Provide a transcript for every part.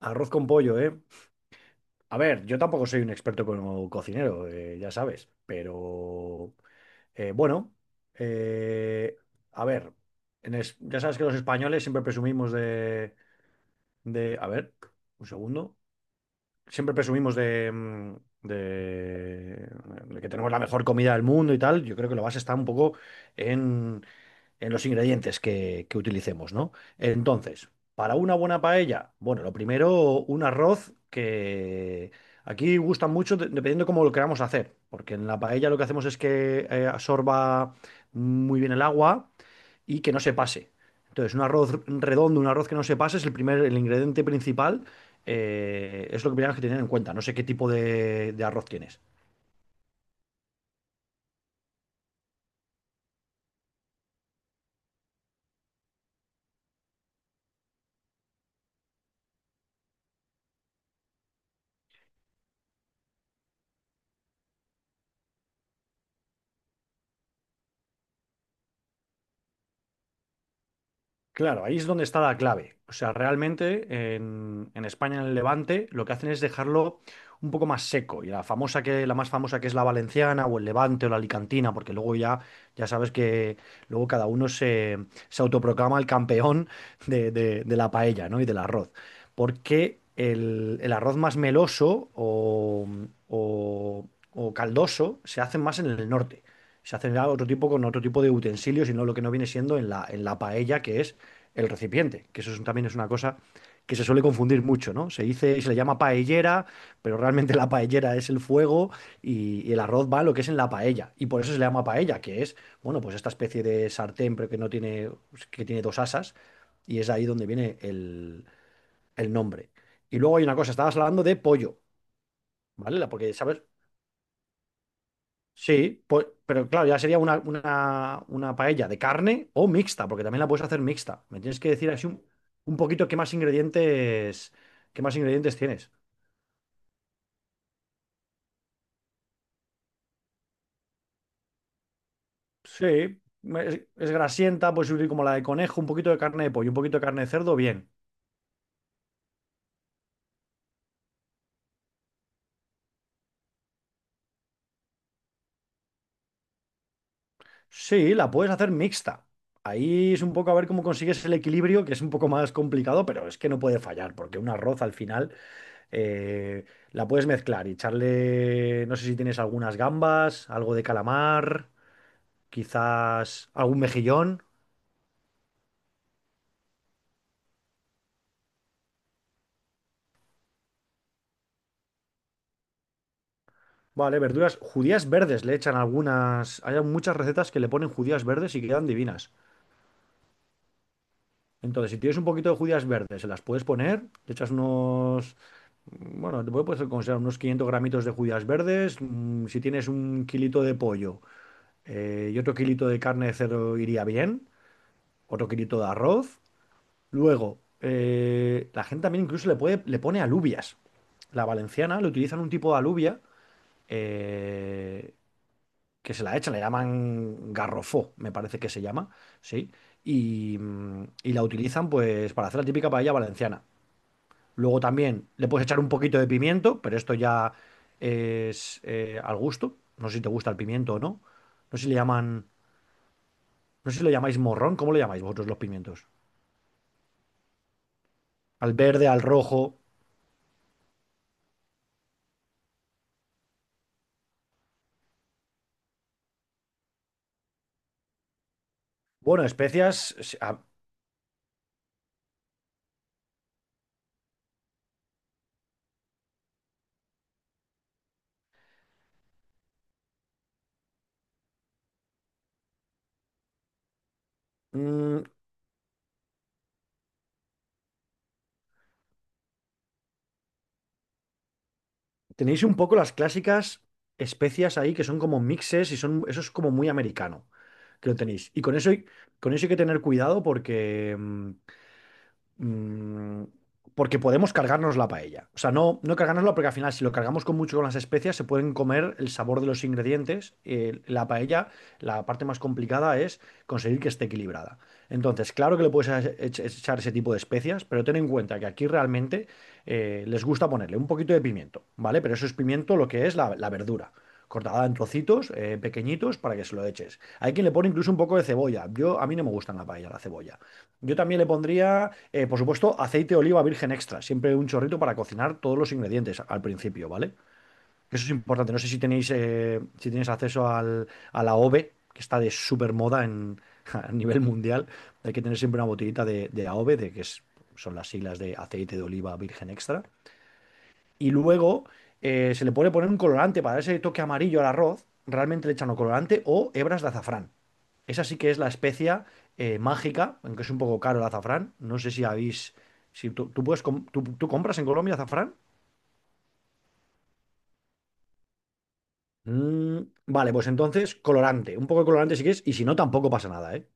Arroz con pollo, ¿eh? A ver, yo tampoco soy un experto como cocinero, ya sabes, pero eh, bueno, eh, a ver, ya sabes que los españoles siempre presumimos a ver, un segundo, siempre presumimos de, de que tenemos la mejor comida del mundo y tal. Yo creo que la base está un poco en los ingredientes que utilicemos, ¿no? Entonces, para una buena paella, bueno, lo primero, un arroz que aquí gusta mucho dependiendo cómo lo queramos hacer, porque en la paella lo que hacemos es que absorba muy bien el agua y que no se pase. Entonces, un arroz redondo, un arroz que no se pase es el primer, el ingrediente principal, es lo que tenemos que tener en cuenta. No sé qué tipo de arroz tienes. Claro, ahí es donde está la clave. O sea, realmente en España, en el Levante, lo que hacen es dejarlo un poco más seco. Y la famosa que, la más famosa que es la valenciana, o el Levante, o la alicantina, porque luego ya, ya sabes que luego se autoproclama el campeón de la paella, ¿no? Y del arroz. Porque el arroz más meloso o o caldoso se hace más en el norte. Se hacerá otro tipo con otro tipo de utensilios y no lo que no viene siendo en en la paella, que es el recipiente, que eso también es una cosa que se suele confundir mucho, ¿no? Se dice, se le llama paellera, pero realmente la paellera es el fuego y el arroz va a lo que es en la paella. Y por eso se le llama paella, que es, bueno, pues esta especie de sartén, pero que no tiene, que tiene dos asas, y es ahí donde viene el nombre. Y luego hay una cosa, estabas hablando de pollo, ¿vale? Porque, ¿sabes? Sí, pues, pero claro, ya sería una paella de carne o mixta, porque también la puedes hacer mixta. Me tienes que decir así un poquito qué más ingredientes tienes. Sí, es grasienta, puedes subir como la de conejo, un poquito de carne de pollo, un poquito de carne de cerdo, bien. Sí, la puedes hacer mixta. Ahí es un poco a ver cómo consigues el equilibrio, que es un poco más complicado, pero es que no puede fallar, porque un arroz al final eh, la puedes mezclar y echarle, no sé si tienes algunas gambas, algo de calamar, quizás algún mejillón. Vale, verduras, judías verdes le echan algunas. Hay muchas recetas que le ponen judías verdes y quedan divinas. Entonces, si tienes un poquito de judías verdes, se las puedes poner, le echas unos. Bueno, puedes considerar unos 500 gramitos de judías verdes. Si tienes un kilito de pollo y otro kilito de carne de cerdo iría bien. Otro kilito de arroz. Luego, la gente también incluso le puede, le pone alubias. La valenciana le utilizan un tipo de alubia eh, que se la echan, le llaman garrofó, me parece que se llama, ¿sí? Y y la utilizan pues para hacer la típica paella valenciana. Luego también le puedes echar un poquito de pimiento, pero esto ya es al gusto. No sé si te gusta el pimiento o no. No sé si le llaman, no sé si lo llamáis morrón, ¿cómo lo llamáis vosotros los pimientos? Al verde, al rojo. Bueno, especias, mm, tenéis un poco las clásicas especias ahí que son como mixes y son, eso es como muy americano, que lo tenéis. Y con eso hay que tener cuidado mm, porque podemos cargarnos la paella. O sea, no, no cargárnosla porque al final si lo cargamos con mucho con las especias se pueden comer el sabor de los ingredientes. La paella, la parte más complicada es conseguir que esté equilibrada. Entonces, claro que le puedes echar ese tipo de especias, pero ten en cuenta que aquí realmente les gusta ponerle un poquito de pimiento, ¿vale? Pero eso es pimiento lo que es la verdura. Cortada en trocitos pequeñitos para que se lo eches. Hay quien le pone incluso un poco de cebolla. Yo, a mí no me gustan la paella, la cebolla. Yo también le pondría, por supuesto, aceite de oliva virgen extra, siempre un chorrito para cocinar todos los ingredientes al principio, ¿vale? Eso es importante. No sé si tenéis, si tenéis acceso a la AOVE, que está de súper moda en, a nivel mundial. Hay que tener siempre una botellita de AOVE, son las siglas de aceite de oliva virgen extra. Y luego se le puede poner un colorante para ese toque amarillo al arroz. Realmente le echan o colorante o hebras de azafrán. Esa sí que es la especia mágica, aunque es un poco caro el azafrán. No sé si habéis. Si tú, tú puedes tú, tú compras en Colombia azafrán. Mm, vale, pues entonces colorante. Un poco de colorante si quieres, y si no, tampoco pasa nada, ¿eh?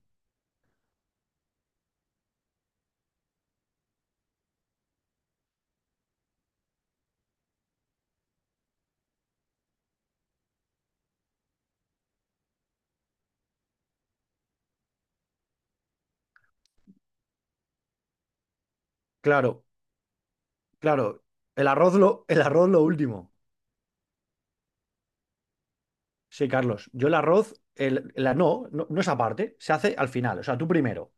Claro, claro. El arroz lo último. Sí, Carlos. Yo el arroz, el, la, no, no, no es aparte, se hace al final. O sea, tú primero.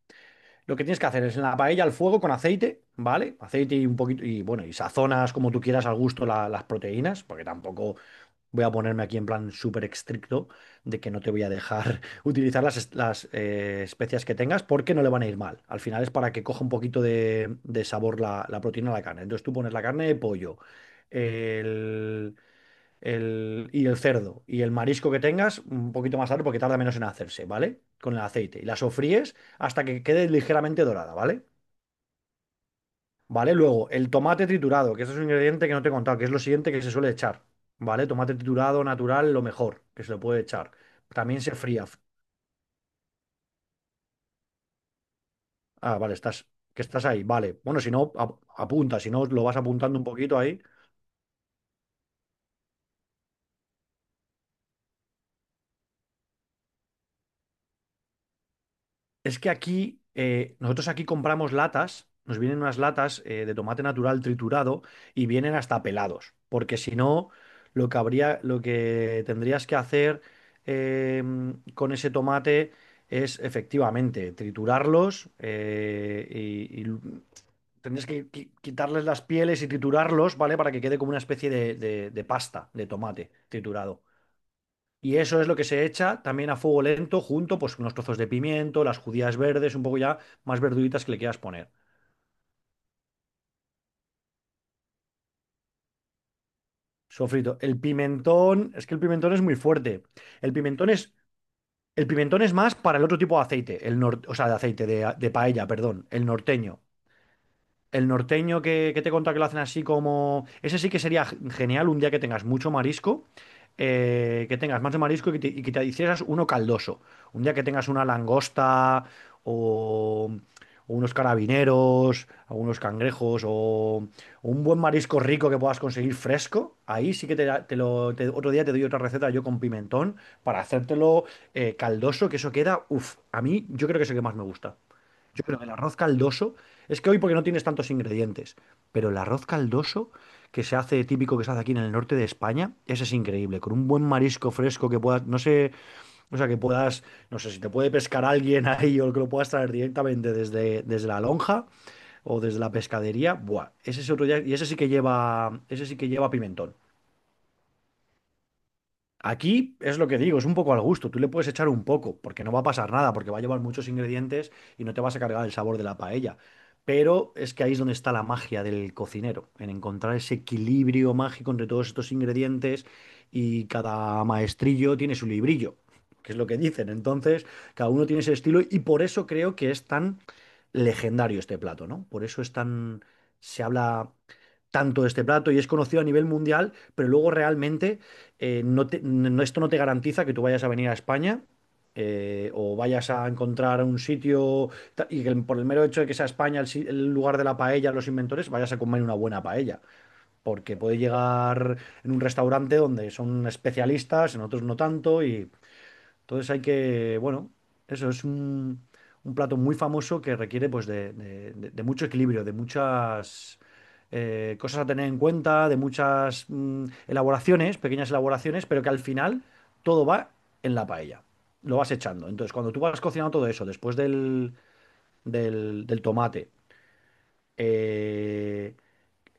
Lo que tienes que hacer es en la paella al fuego con aceite, ¿vale? Aceite y un poquito, y bueno, y sazonas como tú quieras al gusto las proteínas, porque tampoco voy a ponerme aquí en plan súper estricto de que no te voy a dejar utilizar las especias que tengas, porque no le van a ir mal. Al final es para que coja un poquito de sabor la proteína a la carne. Entonces tú pones la carne de pollo el, y el cerdo y el marisco que tengas un poquito más tarde porque tarda menos en hacerse, ¿vale? Con el aceite. Y la sofríes hasta que quede ligeramente dorada, ¿vale? ¿Vale? Luego, el tomate triturado, que ese es un ingrediente que no te he contado, que es lo siguiente que se suele echar. ¿Vale? Tomate triturado natural, lo mejor que se le puede echar. También se fría. Ah, vale, estás, que estás ahí, vale. Bueno, si no, apunta, si no, lo vas apuntando un poquito ahí. Es que aquí, nosotros aquí compramos latas, nos vienen unas latas de tomate natural triturado y vienen hasta pelados, porque si no, lo que habría, lo que tendrías que hacer eh, con ese tomate es efectivamente triturarlos y tendrías que quitarles las pieles y triturarlos, ¿vale? Para que quede como una especie de pasta de tomate triturado. Y eso es lo que se echa también a fuego lento junto pues con unos trozos de pimiento, las judías verdes, un poco ya más verduritas que le quieras poner. Sofrito. El pimentón, es que el pimentón es muy fuerte. El pimentón es, el pimentón es más para el otro tipo de aceite, el nor- o sea, de aceite de paella, perdón, el norteño. El norteño que te he contado que lo hacen así como... Ese sí que sería genial un día que tengas mucho marisco, que tengas más de marisco y que te hicieras uno caldoso. Un día que tengas una langosta o, o unos carabineros, o unos cangrejos o un buen marisco rico que puedas conseguir fresco. Ahí sí que te, te lo... otro día te doy otra receta yo con pimentón para hacértelo caldoso, que eso queda... Uf, a mí yo creo que es el que más me gusta. Yo creo que el arroz caldoso, es que hoy porque no tienes tantos ingredientes, pero el arroz caldoso que se hace típico que se hace aquí en el norte de España, ese es increíble, con un buen marisco fresco que puedas, no sé, o sea, que puedas, no sé si te puede pescar alguien ahí o que lo puedas traer directamente desde, desde la lonja o desde la pescadería, buah, ese es otro día, y ese sí que lleva, ese sí que lleva pimentón. Aquí es lo que digo, es un poco al gusto. Tú le puedes echar un poco, porque no va a pasar nada, porque va a llevar muchos ingredientes y no te vas a cargar el sabor de la paella. Pero es que ahí es donde está la magia del cocinero, en encontrar ese equilibrio mágico entre todos estos ingredientes y cada maestrillo tiene su librillo, que es lo que dicen. Entonces, cada uno tiene ese estilo y por eso creo que es tan legendario este plato, ¿no? Por eso es tan... Se habla tanto de este plato y es conocido a nivel mundial, pero luego realmente esto no te garantiza que tú vayas a venir a España, o vayas a encontrar un sitio y que por el mero hecho de que sea España el, si- el lugar de la paella, los inventores, vayas a comer una buena paella. Porque puede llegar en un restaurante donde son especialistas, en otros no tanto, y entonces hay que, bueno, eso es un, un plato muy famoso que requiere pues de mucho equilibrio, de muchas cosas a tener en cuenta, de muchas elaboraciones, pequeñas elaboraciones, pero que al final todo va en la paella. Lo vas echando. Entonces, cuando tú vas cocinando todo eso, después del tomate, eh,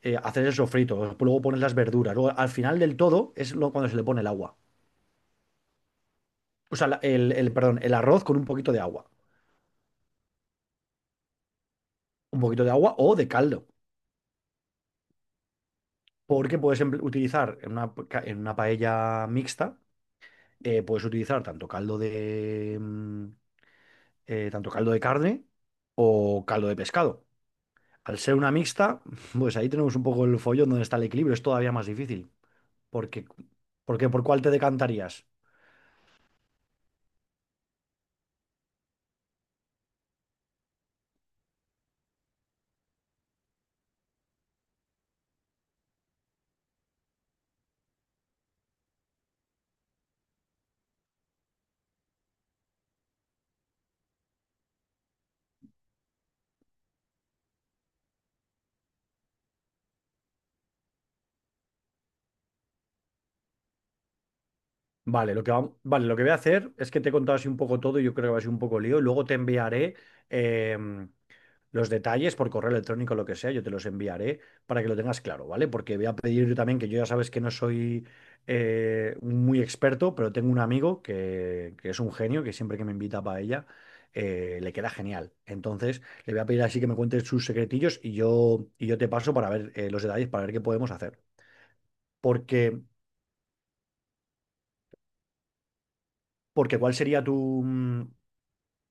haces el sofrito, luego pones las verduras, luego al final del todo es cuando se le pone el agua. O sea, perdón, el arroz con un poquito de agua. Un poquito de agua o de caldo, porque puedes utilizar en en una paella mixta, puedes utilizar tanto caldo de, tanto caldo de carne o caldo de pescado. Al ser una mixta, pues ahí tenemos un poco el follón donde está el equilibrio, es todavía más difícil, porque, porque ¿por cuál te decantarías? Vale, vale, lo que voy a hacer es que te he contado así un poco todo y yo creo que va a ser un poco lío. Luego te enviaré em, los detalles por correo electrónico, lo que sea, yo te los enviaré para que lo tengas claro, ¿vale? Porque voy a pedir yo también, que yo ya sabes que no soy muy experto, pero tengo un amigo que es un genio, que siempre que me invita para ella, le queda genial. Entonces, le voy a pedir así que me cuentes sus secretillos y yo te paso para ver los detalles, para ver qué podemos hacer. Porque, porque ¿cuál sería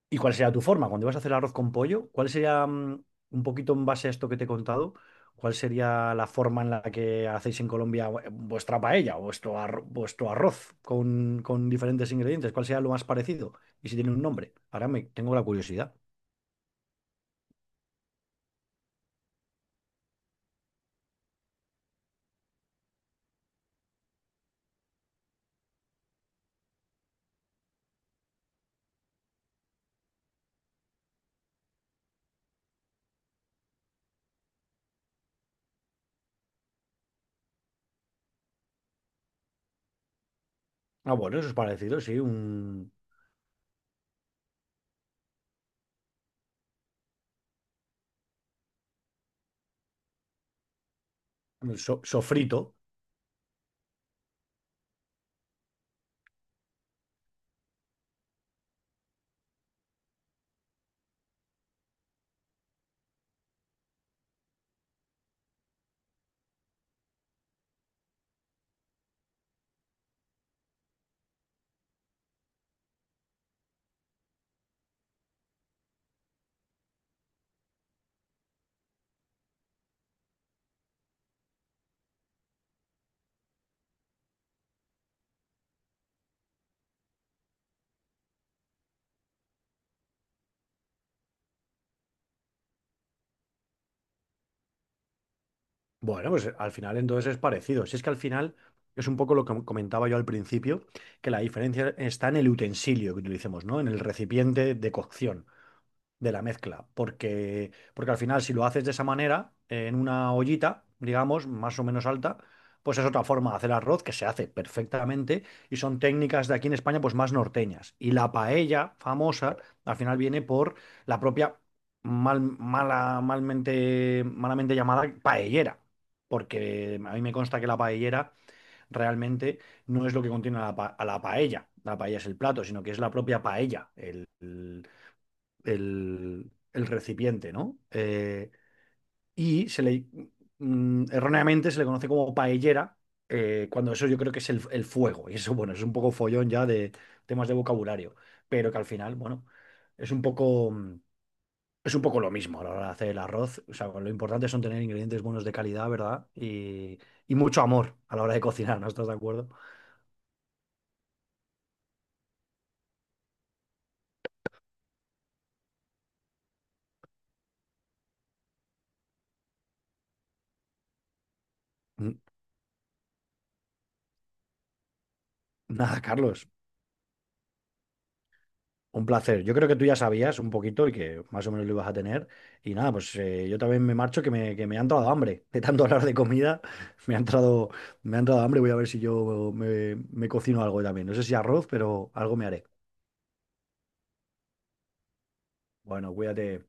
¿y cuál sería tu forma? Cuando ibas a hacer el arroz con pollo, ¿cuál sería, un poquito en base a esto que te he contado, cuál sería la forma en la que hacéis en Colombia vuestra paella o vuestro arroz con diferentes ingredientes? ¿Cuál sería lo más parecido? Y si tiene un nombre. Ahora me tengo la curiosidad. Ah, bueno, eso es parecido, sí, sofrito. Bueno, pues al final entonces es parecido. Si es que al final es un poco lo que comentaba yo al principio, que la diferencia está en el utensilio que utilicemos, ¿no? En el recipiente de cocción de la mezcla, porque al final si lo haces de esa manera, en una ollita, digamos, más o menos alta, pues es otra forma de hacer arroz que se hace perfectamente y son técnicas de aquí en España pues más norteñas. Y la paella famosa al final viene por la propia malamente llamada paellera, porque a mí me consta que la paellera realmente no es lo que contiene a a la paella. La paella es el plato, sino que es la propia paella, el recipiente, ¿no? Y se le, erróneamente se le conoce como paellera, cuando eso yo creo que es el fuego. Y eso, bueno, es un poco follón ya de temas de vocabulario, pero que al final, bueno, es un poco, es un poco lo mismo a la hora de hacer el arroz. O sea, lo importante son tener ingredientes buenos de calidad, ¿verdad? Y mucho amor a la hora de cocinar, ¿no estás de acuerdo? Mm, Nada, Carlos, un placer. Yo creo que tú ya sabías un poquito y que más o menos lo ibas a tener. Y nada, pues yo también me marcho que me ha entrado hambre. De tanto hablar de comida, me ha entrado, me ha entrado hambre. Voy a ver si me cocino algo también. No sé si arroz, pero algo me haré. Bueno, cuídate.